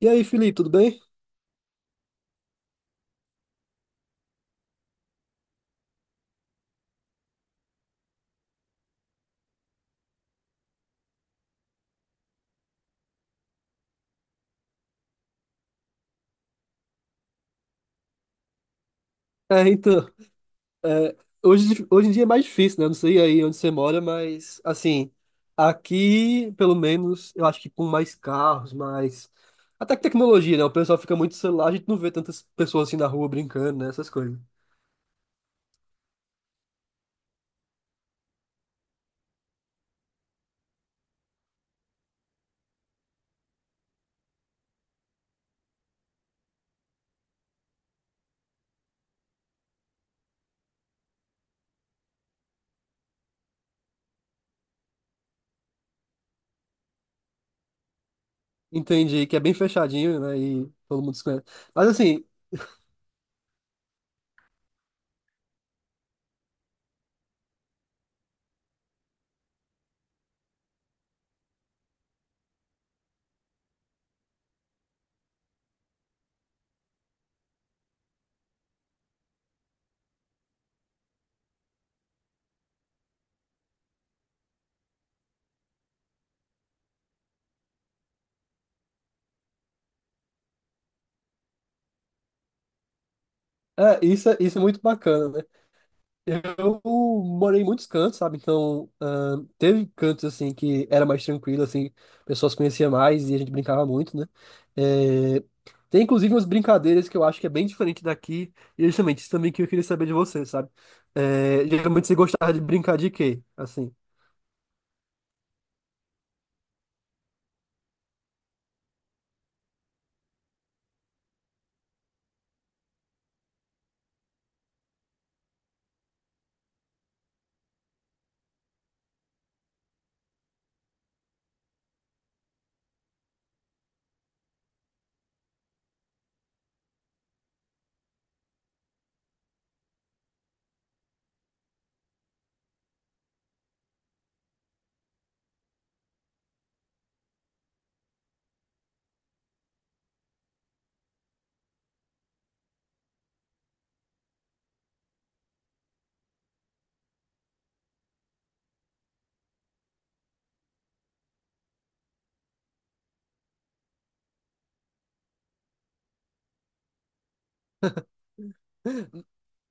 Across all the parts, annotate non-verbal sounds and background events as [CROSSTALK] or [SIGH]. E aí, Felipe, tudo bem? É, então, é, hoje em dia é mais difícil, né? Eu não sei aí onde você mora, mas, assim, aqui, pelo menos, eu acho que com mais carros, mais. Até que tecnologia, né? O pessoal fica muito no celular, a gente não vê tantas pessoas assim na rua brincando, né? Essas coisas. Entendi que é bem fechadinho, né? E todo mundo se conhece. Mas, assim, é, isso, isso é muito bacana, né? Eu morei em muitos cantos, sabe? Então, teve cantos, assim, que era mais tranquilo, assim, pessoas conheciam mais e a gente brincava muito, né? É, tem, inclusive, umas brincadeiras que eu acho que é bem diferente daqui, e justamente isso também que eu queria saber de você, sabe? É, geralmente você gostava de brincar de quê, assim?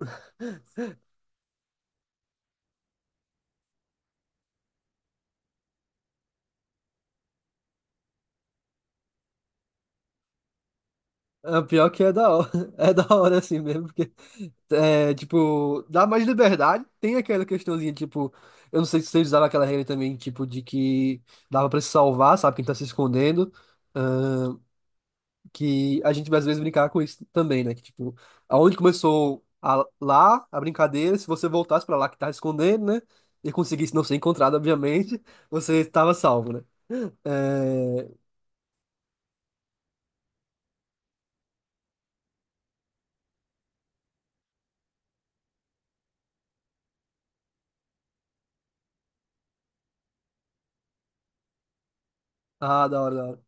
[LAUGHS] Ah, pior que é da hora, [LAUGHS] é da hora assim mesmo, porque, tipo, dá mais liberdade, tem aquela questãozinha, tipo, eu não sei se vocês usavam aquela regra também, tipo, de que dava pra se salvar, sabe, quem tá se escondendo, que a gente vai às vezes brincava com isso também, né, que, tipo, aonde começou lá a brincadeira, se você voltasse pra lá que tá escondendo, né, e conseguisse não ser encontrado, obviamente, você estava salvo, né. É... Ah, da hora, da hora.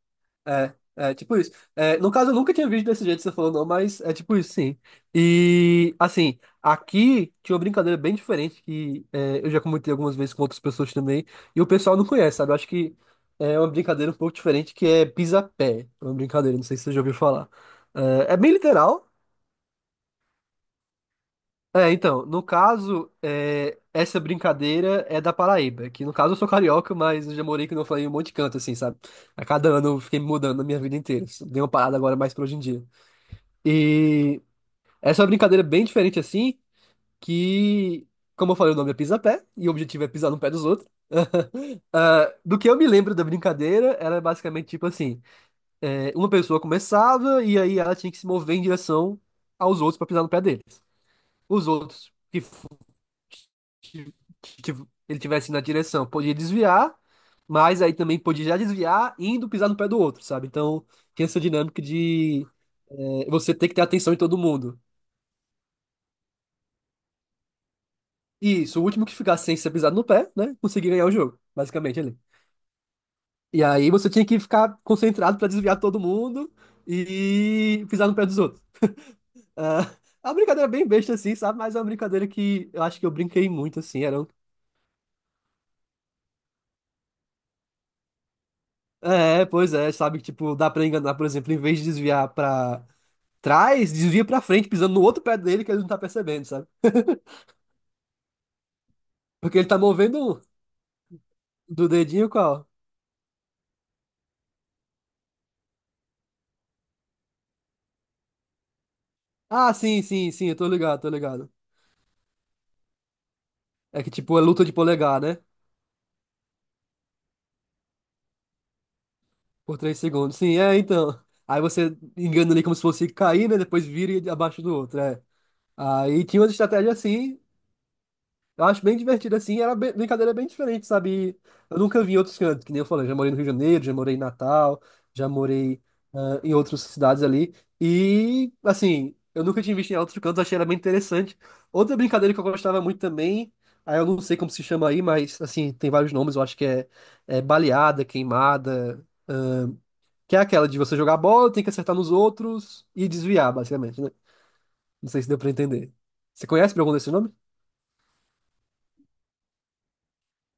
É, tipo isso. É, no caso, eu nunca tinha visto desse jeito que você falou, não, mas é tipo isso, sim. E, assim, aqui tinha uma brincadeira bem diferente que é, eu já comentei algumas vezes com outras pessoas também, e o pessoal não conhece, sabe? Eu acho que é uma brincadeira um pouco diferente que é pisapé. É uma brincadeira, não sei se você já ouviu falar. É, bem literal, é, então, no caso, essa brincadeira é da Paraíba, que no caso eu sou carioca, mas eu já morei, que não falei, em um monte de canto, assim, sabe? A cada ano eu fiquei me mudando na minha vida inteira. Dei uma parada agora mais pra hoje em dia. E essa é uma brincadeira bem diferente, assim, que, como eu falei, o nome é pisa-pé, e o objetivo é pisar no pé dos outros. [LAUGHS] Ah, do que eu me lembro da brincadeira, era basicamente tipo assim: uma pessoa começava e aí ela tinha que se mover em direção aos outros pra pisar no pé deles. Os outros que ele tivesse na direção. Podia desviar, mas aí também podia já desviar indo pisar no pé do outro, sabe? Então tem essa dinâmica de você ter que ter atenção em todo mundo. Isso, o último que ficasse sem ser pisado no pé, né? Conseguia ganhar o jogo, basicamente ali. E aí você tinha que ficar concentrado pra desviar todo mundo e pisar no pé dos outros. Ah, é uma brincadeira bem besta assim, sabe? Mas é uma brincadeira que eu acho que eu brinquei muito assim, pois é, sabe? Tipo, dá pra enganar, por exemplo, em vez de desviar pra trás, desvia pra frente, pisando no outro pé dele que ele não tá percebendo, sabe? Porque ele tá movendo um do dedinho qual? Ah, sim, sim, sim, eu tô ligado, tô ligado. É que tipo, é luta de polegar, né? Por três segundos. Sim, é, então. Aí você engana ali como se fosse cair, né? Depois vira e abaixo do outro, é. Aí tinha uma estratégia assim. Eu acho bem divertido assim, brincadeira bem diferente, sabe? E eu nunca vi em outros cantos, que nem eu falei, já morei no Rio de Janeiro, já morei em Natal, já morei em outras cidades ali. E, assim, eu nunca tinha visto em outros cantos, achei ela bem interessante. Outra brincadeira que eu gostava muito também, aí eu não sei como se chama aí, mas, assim, tem vários nomes, eu acho que é, baleada, queimada, que é aquela de você jogar bola, tem que acertar nos outros e desviar, basicamente, né? Não sei se deu pra entender. Você conhece por algum desses nome?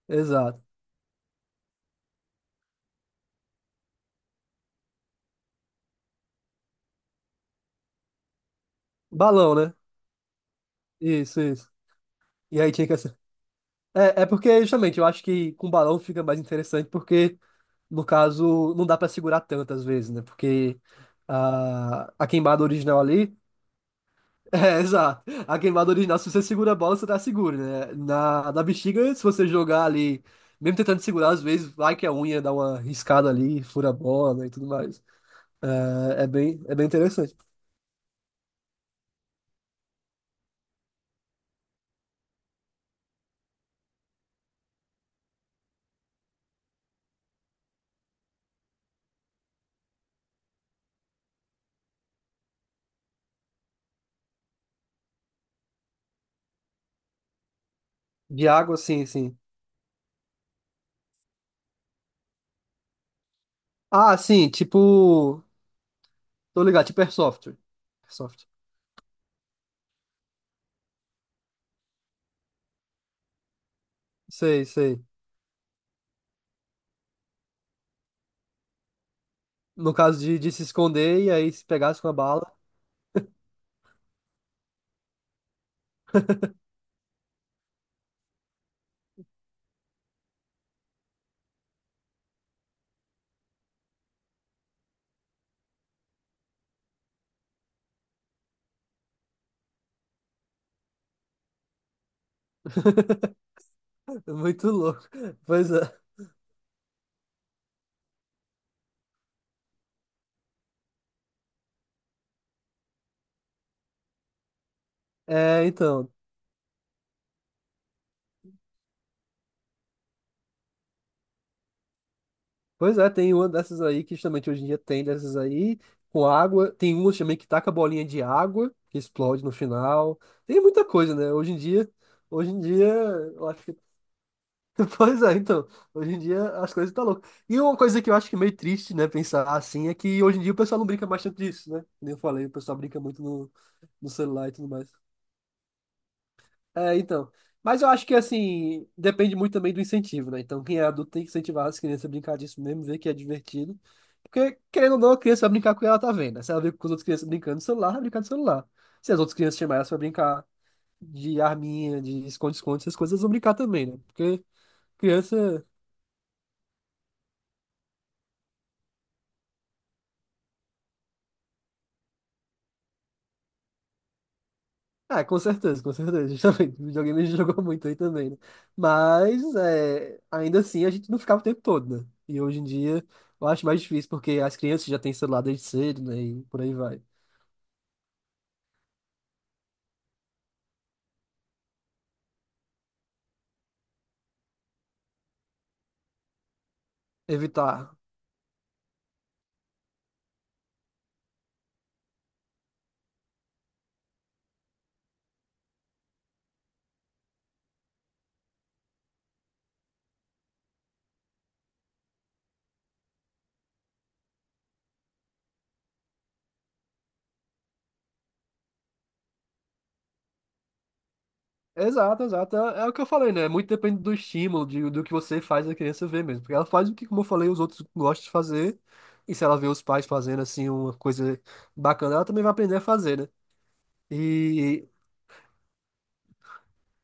Exato. Balão, né? Isso, isso. E aí tinha que ser. É, porque, justamente, eu acho que com balão fica mais interessante, porque, no caso, não dá pra segurar tanto às vezes, né? Porque a queimada original ali. [LAUGHS] É, exato. A queimada original, se você segura a bola, você tá seguro, né? Na bexiga, se você jogar ali, mesmo tentando segurar, às vezes, vai que a unha dá uma riscada ali, fura a bola, né, e tudo mais. É, é bem interessante. De água, sim, sim. Ah, sim, tipo. Tô ligado, tipo Airsoft. Airsoft. Sei, sei. No caso de se esconder e aí se pegasse com a bala, [LAUGHS] muito louco. Pois é. É, então. Pois é, tem uma dessas aí que justamente hoje em dia tem dessas aí, com água. Tem uma também que taca bolinha de água, que explode no final. Tem muita coisa, né? Hoje em dia, eu acho que. [LAUGHS] Pois é, então. Hoje em dia as coisas estão loucas. E uma coisa que eu acho que é meio triste, né, pensar assim, é que hoje em dia o pessoal não brinca mais tanto disso, né? Como eu falei, o pessoal brinca muito no celular e tudo mais. É, então. Mas eu acho que, assim, depende muito também do incentivo, né? Então, quem é adulto tem que incentivar as crianças a brincar disso mesmo, ver que é divertido. Porque, querendo ou não, a criança vai brincar com o que ela tá vendo, né? Se ela vê com as outras crianças brincando no celular, vai brincar no celular. Se as outras crianças chamarem elas pra brincar de arminha, de esconde-esconde, essas coisas, elas vão brincar também, né? Porque criança. Ah, com certeza, [LAUGHS] justamente. O videogame a gente jogou muito aí também, né? Mas, ainda assim, a gente não ficava o tempo todo, né? E hoje em dia, eu acho mais difícil, porque as crianças já têm celular desde cedo, né? E por aí vai. Evitar. Exato, exato. É, é o que eu falei, né? Muito depende do estímulo, do que você faz a criança ver mesmo. Porque ela faz o que, como eu falei, os outros gostam de fazer. E se ela vê os pais fazendo, assim, uma coisa bacana, ela também vai aprender a fazer, né? E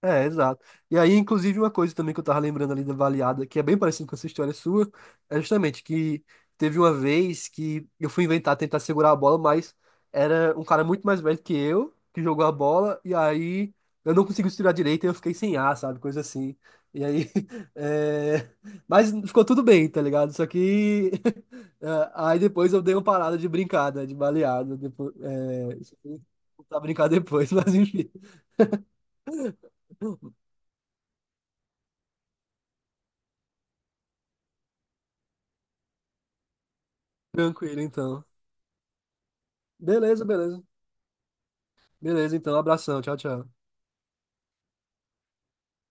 É, exato. E aí, inclusive, uma coisa também que eu tava lembrando ali da baleada, que é bem parecido com essa história sua, é justamente que teve uma vez que eu fui inventar tentar segurar a bola, mas era um cara muito mais velho que eu, que jogou a bola, e aí eu não consegui tirar direito e eu fiquei sem ar, sabe? Coisa assim. E aí. [LAUGHS] é, Mas ficou tudo bem, tá ligado? Só que. [LAUGHS] Aí depois eu dei uma parada de brincada, de baleada. Depois. Isso aí, vou voltar a brincar depois, [LAUGHS] mas enfim. Tranquilo, então. Beleza, beleza. Beleza, então. Abração. Tchau, tchau.